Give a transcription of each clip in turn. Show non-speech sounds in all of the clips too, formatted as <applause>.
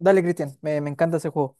Dale, Cristian, me encanta ese juego.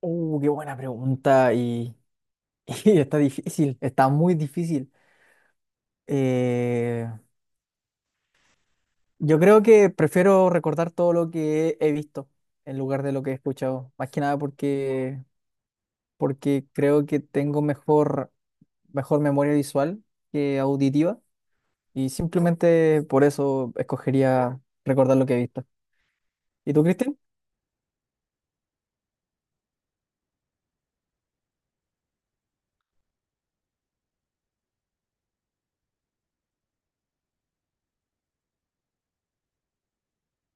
Qué buena pregunta y, <laughs> y está difícil, está muy difícil. Eh, yo creo que prefiero recordar todo lo que he visto en lugar de lo que he escuchado, más que nada porque creo que tengo mejor memoria visual que auditiva y simplemente por eso escogería recordar lo que he visto. ¿Y tú, Cristian?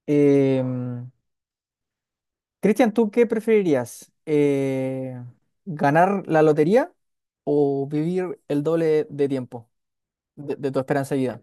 Em, Cristian, ¿tú qué preferirías? ¿Ganar la lotería o vivir el doble de tiempo de tu esperanza de vida?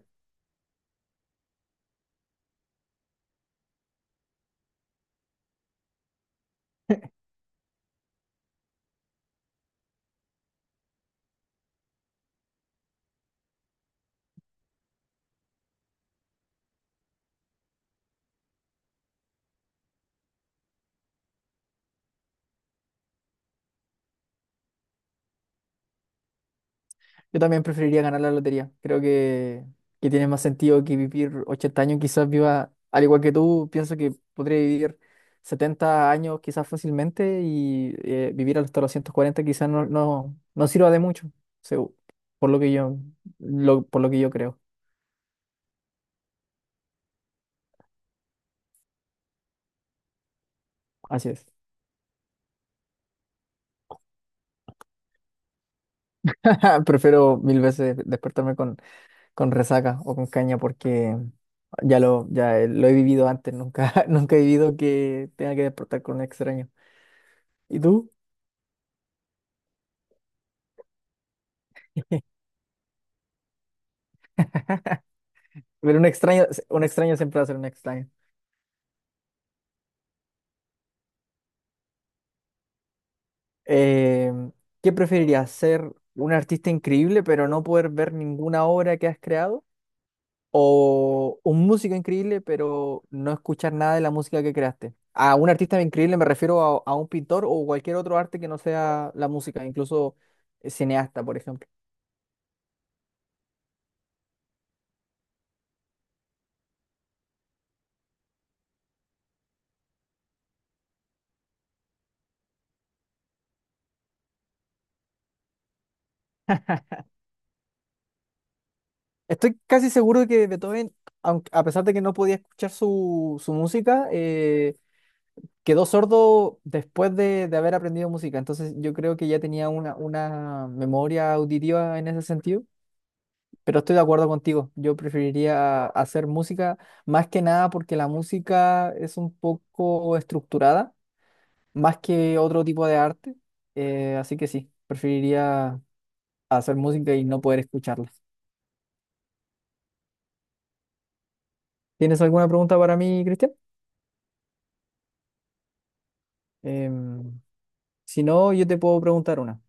Yo también preferiría ganar la lotería. Creo que tiene más sentido que vivir 80 años. Quizás viva, al igual que tú, pienso que podría vivir 70 años quizás fácilmente y vivir hasta los 140 quizás no sirva de mucho, segu- por lo que yo, por lo que yo creo. Así es. <laughs> Prefiero mil veces despertarme con resaca o con caña porque lo he vivido antes, nunca, <laughs> nunca he vivido que tenga que despertar con un extraño. ¿Y tú? <laughs> Pero un extraño siempre va a ser un extraño. Eh, ¿Qué preferirías? ¿Ser un artista increíble pero no poder ver ninguna obra que has creado? ¿O un músico increíble pero no escuchar nada de la música que creaste? A un artista increíble me refiero a un pintor o cualquier otro arte que no sea la música, incluso cineasta, por ejemplo. Estoy casi seguro de que Beethoven, aunque, a pesar de que no podía escuchar su música, quedó sordo después de haber aprendido música. Entonces yo creo que ya tenía una memoria auditiva en ese sentido. Pero estoy de acuerdo contigo. Yo preferiría hacer música más que nada porque la música es un poco estructurada, más que otro tipo de arte. Así que sí, preferiría hacer música y no poder escucharla. ¿Tienes alguna pregunta para mí, Cristian? Em, Si no, yo te puedo preguntar una.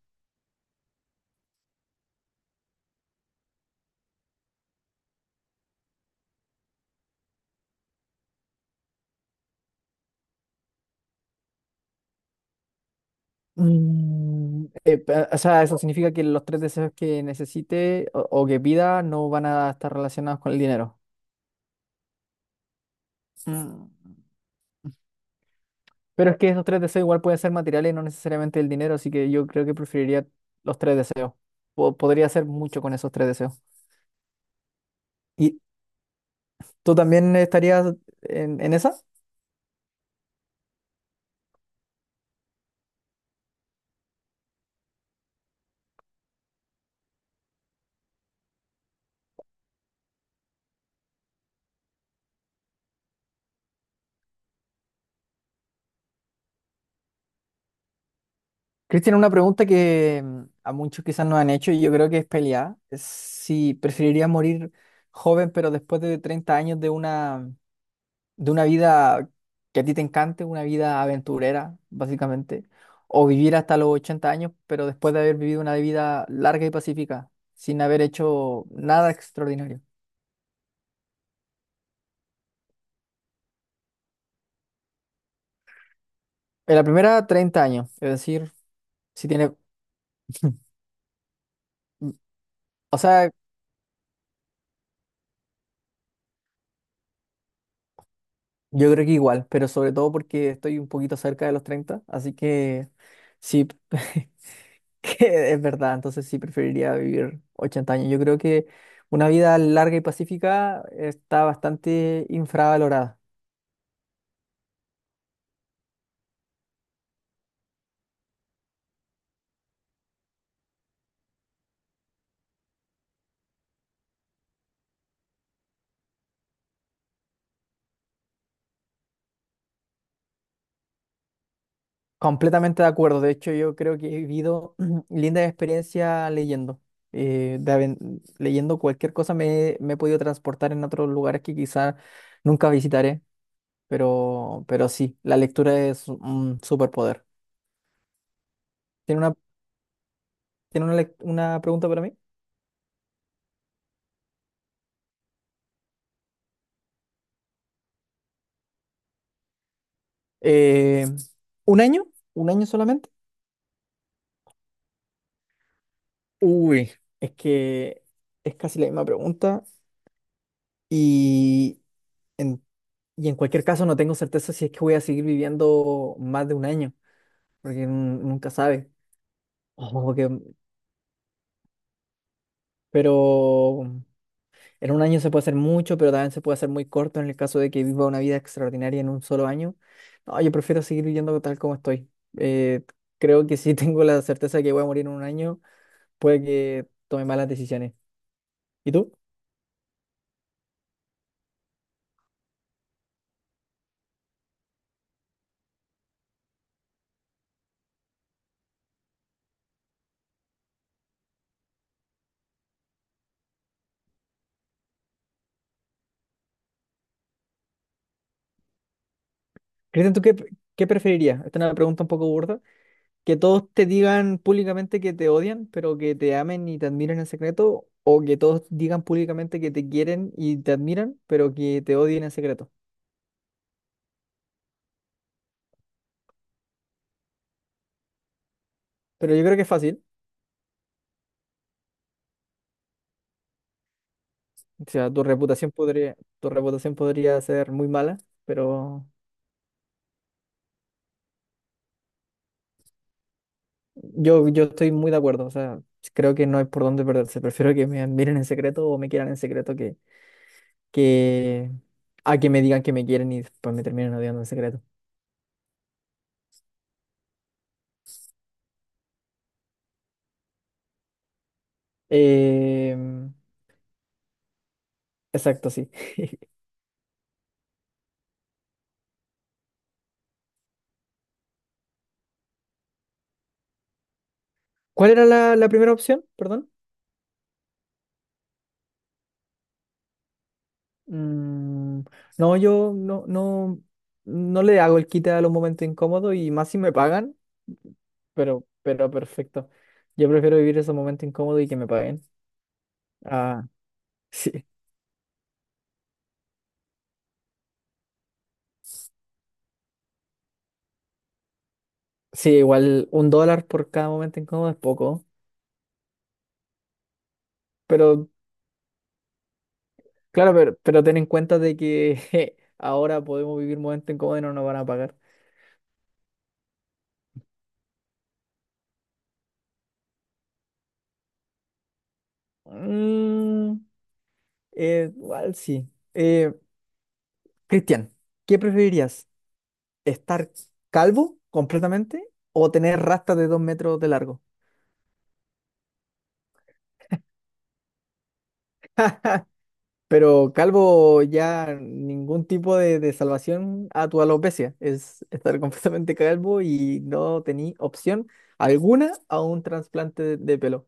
O sea, eso significa que los tres deseos que necesite o que pida no van a estar relacionados con el dinero. Mm. Pero es que esos tres deseos igual pueden ser materiales, no necesariamente el dinero, así que yo creo que preferiría los tres deseos. Podría hacer mucho con esos tres deseos. ¿Y tú también estarías en esa? Cristian, una pregunta que a muchos quizás nos han hecho y yo creo que es peleada. Es si preferirías morir joven pero después de 30 años de una... vida que a ti te encante, una vida aventurera, básicamente, o vivir hasta los 80 años, pero después de haber vivido una vida larga y pacífica, sin haber hecho nada extraordinario. En la primera, 30 años, es decir, si tiene, o sea, yo creo que igual, pero sobre todo porque estoy un poquito cerca de los 30 así que sí, <laughs> que es verdad, entonces sí preferiría vivir 80 años. Yo creo que una vida larga y pacífica está bastante infravalorada. Completamente de acuerdo. De hecho, yo creo que he vivido <clears throat> linda experiencia leyendo. Leyendo cualquier cosa me he podido transportar en otros lugares que quizá nunca visitaré, pero sí, la lectura es un superpoder. ¿Tiene una, tiene una pregunta para mí? Eh, ¿Un año? ¿Un año solamente? Uy, es que es casi la misma pregunta y en, y en cualquier caso no tengo certeza si es que voy a seguir viviendo más de un año. Porque nunca sabe. Ojo. Pero en un año se puede hacer mucho, pero también se puede hacer muy corto en el caso de que viva una vida extraordinaria en un solo año. No, yo prefiero seguir viviendo tal como estoy. Eh, Creo que si <laughs> tengo la certeza de que voy a morir en un año, puede que tome malas decisiones. ¿Y tú? Cristian, ¿tú qué preferirías? Esta es una pregunta un poco burda. Que todos te digan públicamente que te odian, pero que te amen y te admiren en secreto, o que todos digan públicamente que te quieren y te admiran, pero que te odien en secreto. Pero yo creo que es fácil. O sea, tu reputación podría ser muy mala, pero yo estoy muy de acuerdo. O sea, creo que no hay por dónde perderse. Prefiero que me admiren en secreto o me quieran en secreto que a que me digan que me quieren y después me terminen odiando en secreto. Em, exacto, sí. <laughs> ¿Cuál era la primera opción? Perdón. Mm, no, yo no le hago el quite a los momentos incómodos y más si me pagan, pero perfecto. Yo prefiero vivir esos momentos incómodos y que me paguen. Ah, <laughs> sí. Sí, igual $1 por cada momento incómodo es poco. Pero, claro, pero ten en cuenta de que <laughs> je, ahora podemos vivir momentos incómodos y no nos van a pagar. Mm, Igual sí. Eh, Cristian, ¿qué preferirías? Estar calvo completamente o tener rastas de 2 metros de largo. Pero calvo ya ningún tipo de salvación a tu alopecia. Es estar <laughs> completamente calvo y no tení opción alguna a un trasplante de pelo.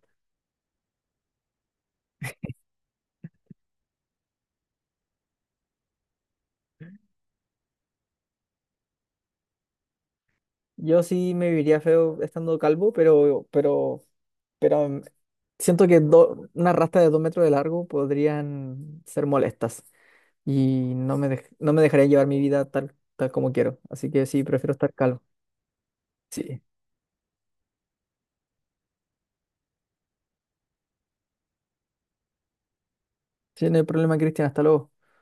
Yo sí me viviría feo estando calvo, pero siento que una rasta de 2 metros de largo podrían ser molestas y no me dejaría llevar mi vida tal como quiero. Así que sí, prefiero estar calvo. Sí, sí, no hay problema, Cristian. Hasta luego.